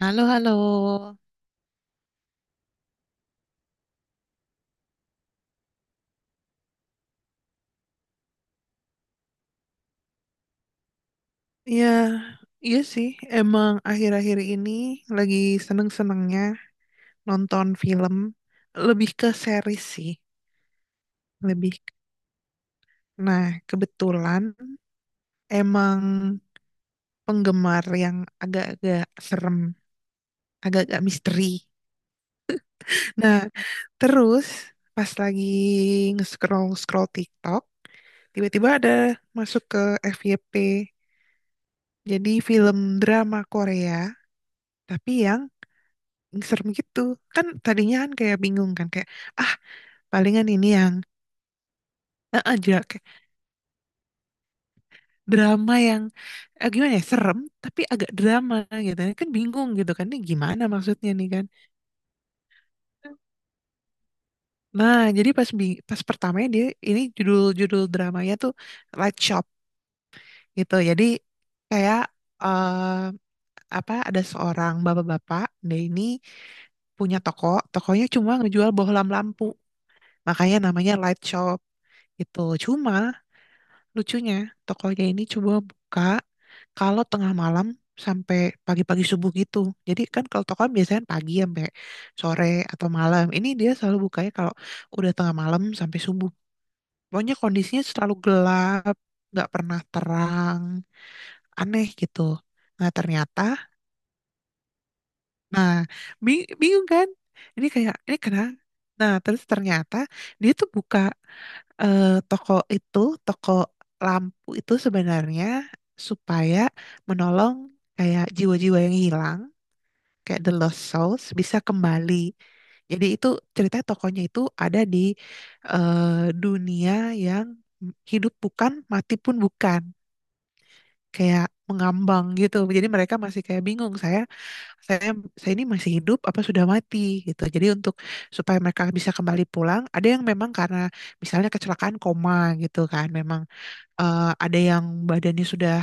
Halo, halo. Iya, iya sih. Emang akhir-akhir ini lagi seneng-senengnya nonton film. Lebih ke series sih. Lebih. Nah, kebetulan emang penggemar yang agak-agak serem, agak-agak misteri. Nah, terus pas lagi nge-scroll-scroll TikTok, tiba-tiba ada masuk ke FYP. Jadi film drama Korea, tapi yang serem gitu kan. Tadinya kan kayak bingung kan, kayak, ah palingan ini yang aja, kayak drama yang gimana ya, serem tapi agak drama gitu ya. Kan bingung gitu kan, ini gimana maksudnya nih kan. Nah jadi pas pertamanya dia ini, judul-judul dramanya tuh Light Shop gitu. Jadi kayak, eh, apa, ada seorang bapak-bapak, dia ini punya toko. Tokonya cuma ngejual bohlam lampu, makanya namanya Light Shop gitu. Cuma lucunya, tokonya ini coba buka kalau tengah malam sampai pagi-pagi subuh gitu. Jadi kan kalau toko kan biasanya pagi sampai sore atau malam. Ini dia selalu bukanya kalau udah tengah malam sampai subuh. Pokoknya kondisinya selalu gelap, nggak pernah terang, aneh gitu. Nah ternyata, nah bingung kan? Ini kayak, ini kenapa? Nah terus ternyata dia tuh buka. Toko itu, toko lampu itu sebenarnya supaya menolong kayak jiwa-jiwa yang hilang, kayak the lost souls bisa kembali. Jadi itu cerita tokonya itu ada di eh, dunia yang hidup bukan, mati pun bukan, kayak mengambang gitu. Jadi mereka masih kayak bingung, saya saya ini masih hidup apa sudah mati gitu. Jadi untuk supaya mereka bisa kembali pulang, ada yang memang karena misalnya kecelakaan koma gitu kan, memang ada yang badannya sudah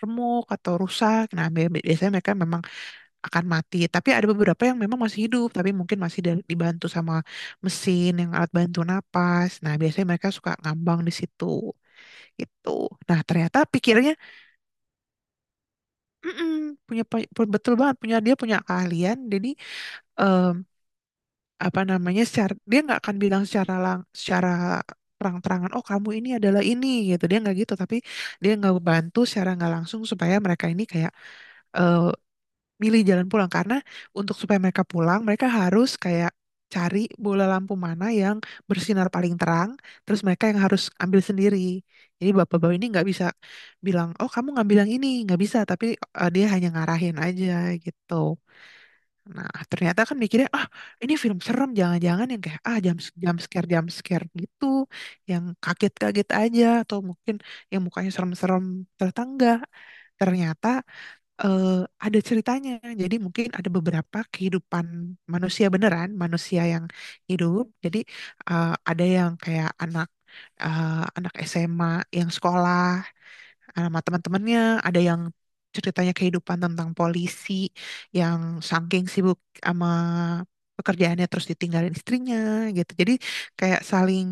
remuk atau rusak. Nah, biasanya mereka memang akan mati. Tapi ada beberapa yang memang masih hidup, tapi mungkin masih dibantu sama mesin yang alat bantu napas. Nah, biasanya mereka suka ngambang di situ gitu. Nah, ternyata pikirnya, betul banget, punya, dia punya keahlian. Jadi apa namanya, secara dia nggak akan bilang secara lang secara terang-terangan, oh kamu ini adalah ini gitu. Dia nggak gitu, tapi dia nggak bantu secara nggak langsung supaya mereka ini kayak eh, milih jalan pulang. Karena untuk supaya mereka pulang, mereka harus kayak cari bola lampu mana yang bersinar paling terang, terus mereka yang harus ambil sendiri. Jadi bapak-bapak ini nggak bisa bilang, oh kamu ngambil yang ini, nggak bisa. Tapi dia hanya ngarahin aja gitu. Nah, ternyata kan mikirnya, ah ini film serem, jangan-jangan yang kayak, ah jump scare gitu, yang kaget-kaget aja, atau mungkin yang mukanya serem-serem, ternyata enggak. Ternyata eh, ada ceritanya. Jadi mungkin ada beberapa kehidupan manusia beneran, manusia yang hidup. Jadi ada yang kayak eh, anak SMA yang sekolah sama teman-temannya, ada yang ceritanya kehidupan tentang polisi yang saking sibuk sama pekerjaannya terus ditinggalin istrinya gitu. Jadi kayak saling,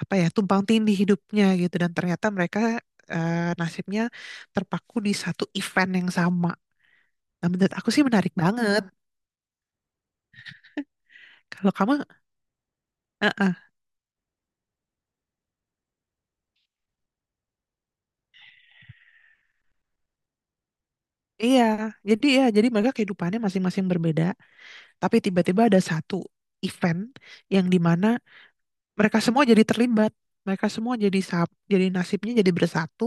apa ya, tumpang tindih hidupnya gitu, dan ternyata mereka nasibnya terpaku di satu event yang sama. Nah menurut aku sih menarik banget. Kalau kamu eh, eh, iya jadi, ya jadi mereka kehidupannya masing-masing berbeda, tapi tiba-tiba ada satu event yang dimana mereka semua jadi terlibat, mereka semua jadi jadi nasibnya jadi bersatu.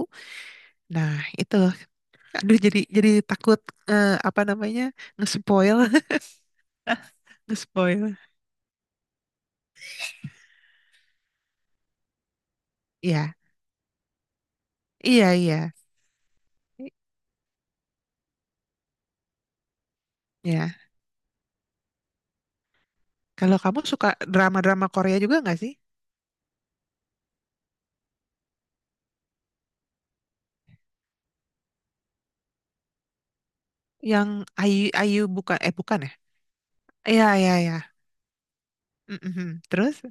Nah itu, aduh, jadi takut, apa namanya, ngespoil. Ngespoil. Iya iya iya, ya. Kalau kamu suka drama-drama Korea juga nggak sih, yang Ayu Ayu bukan, eh bukan ya, iya iya iya. Mm-mm. Terus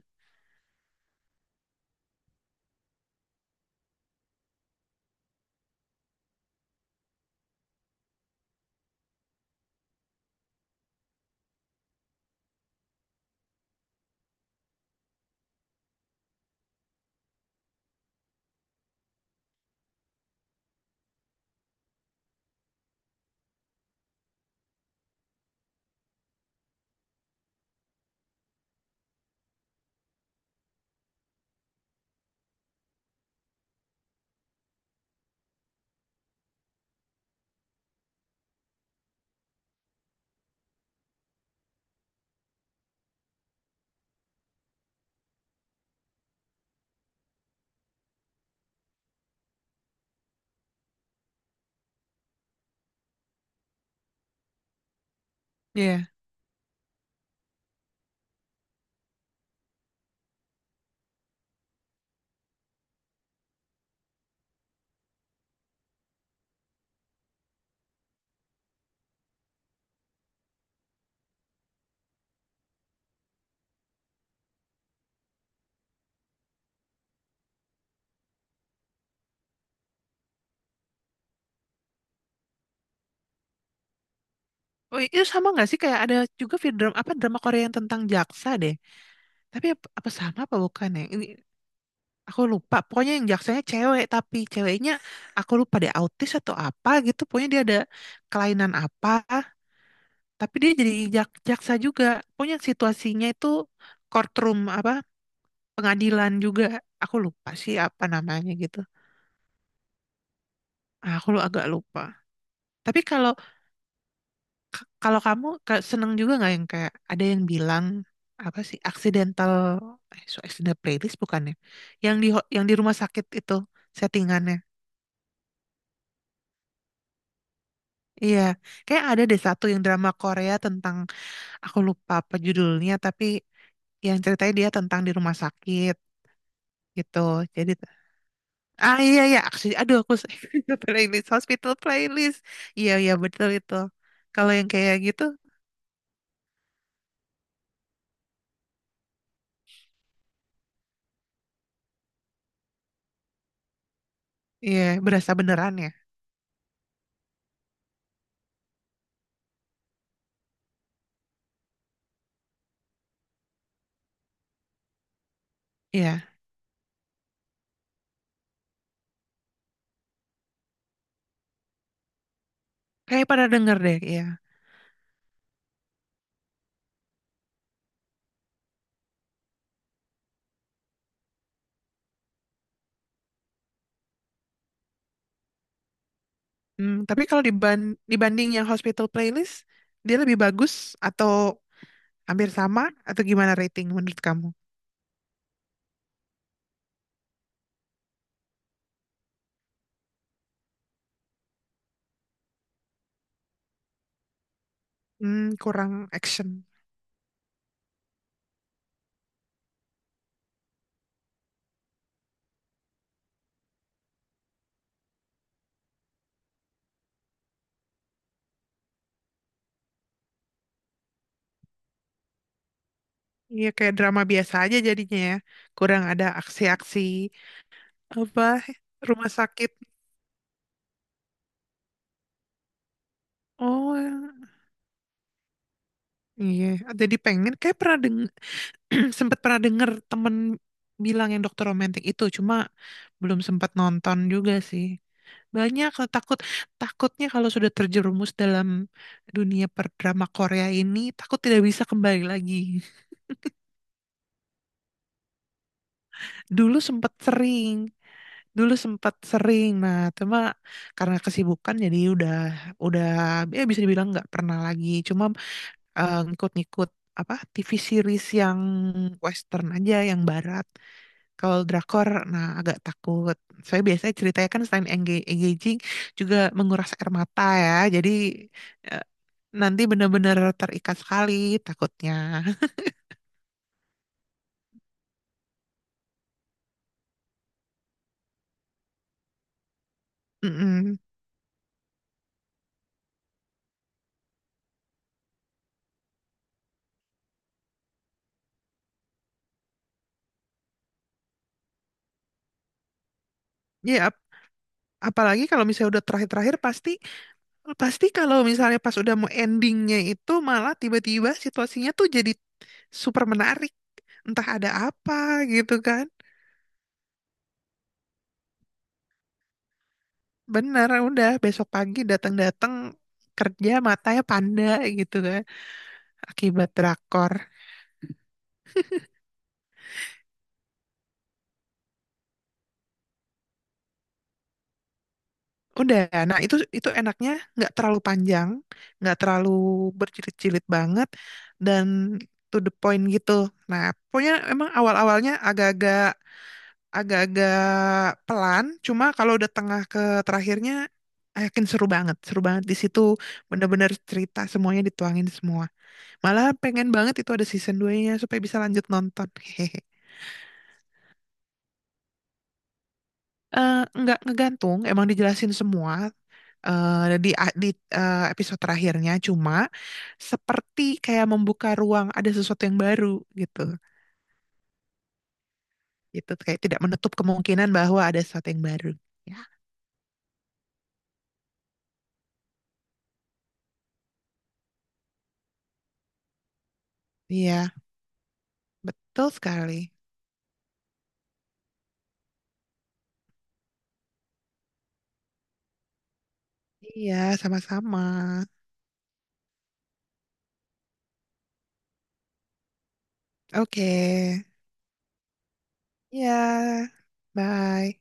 iya. Oh, itu sama nggak sih, kayak ada juga film drama, apa drama Korea yang tentang jaksa deh, tapi apa, apa sama apa bukan ya ini. Aku lupa, pokoknya yang jaksanya cewek, tapi ceweknya aku lupa dia autis atau apa gitu. Pokoknya dia ada kelainan apa, tapi dia jadi jaksa juga. Pokoknya situasinya itu courtroom, apa pengadilan juga. Aku lupa sih apa namanya gitu. Ah, aku agak lupa. Tapi kalau kalau kamu seneng juga nggak yang kayak, ada yang bilang apa sih accidental, so accidental playlist bukannya? Yang di rumah sakit itu settingannya. Iya, kayak ada deh satu yang drama Korea tentang, aku lupa apa judulnya, tapi yang ceritanya dia tentang di rumah sakit gitu. Jadi ah iya iya, aksi aduh aku, hospital playlist. Iya iya, betul itu. Kalau yang kayak gitu, iya berasa beneran ya. Iya, kayak pada denger deh. Iya. Tapi kalau dibanding yang hospital playlist, dia lebih bagus atau hampir sama atau gimana, rating menurut kamu? Kurang action. Iya kayak drama biasa aja jadinya ya. Kurang ada aksi-aksi apa rumah sakit. Oh iya, jadi pengen, kayak pernah denger, sempat pernah denger temen bilang yang dokter romantik itu, cuma belum sempat nonton juga sih. Banyak lah, takut, takutnya kalau sudah terjerumus dalam dunia perdrama Korea ini, takut tidak bisa kembali lagi. Dulu sempat sering, Dulu sempat sering. Nah cuma karena kesibukan jadi udah, ya bisa dibilang nggak pernah lagi. Cuma ngikut-ngikut apa TV series yang Western aja, yang Barat. Kalau drakor, nah agak takut. Saya biasanya ceritanya kan selain engaging juga menguras air mata ya. Jadi eh, nanti benar-benar terikat sekali takutnya. Mm-mm. Ya, apalagi kalau misalnya udah terakhir-terakhir pasti. Pasti kalau misalnya pas udah mau endingnya itu malah tiba-tiba situasinya tuh jadi super menarik. Entah ada apa gitu kan. Bener, udah besok pagi datang-datang kerja matanya panda gitu kan. Akibat drakor. Udah, nah itu enaknya nggak terlalu panjang, nggak terlalu berjilid-jilid banget, dan to the point gitu. Nah, pokoknya emang awal-awalnya agak-agak pelan, cuma kalau udah tengah ke terakhirnya, I yakin seru banget di situ, bener-bener cerita semuanya dituangin semua. Malah pengen banget itu ada season 2-nya supaya bisa lanjut nonton. Hehehe. Eh, nggak ngegantung, emang dijelasin semua di di episode terakhirnya, cuma seperti kayak membuka ruang ada sesuatu yang baru gitu. Gitu kayak tidak menutup kemungkinan bahwa ada sesuatu yang baru. Ya, iya, betul sekali. Iya, sama-sama. Oke. Iya. Bye.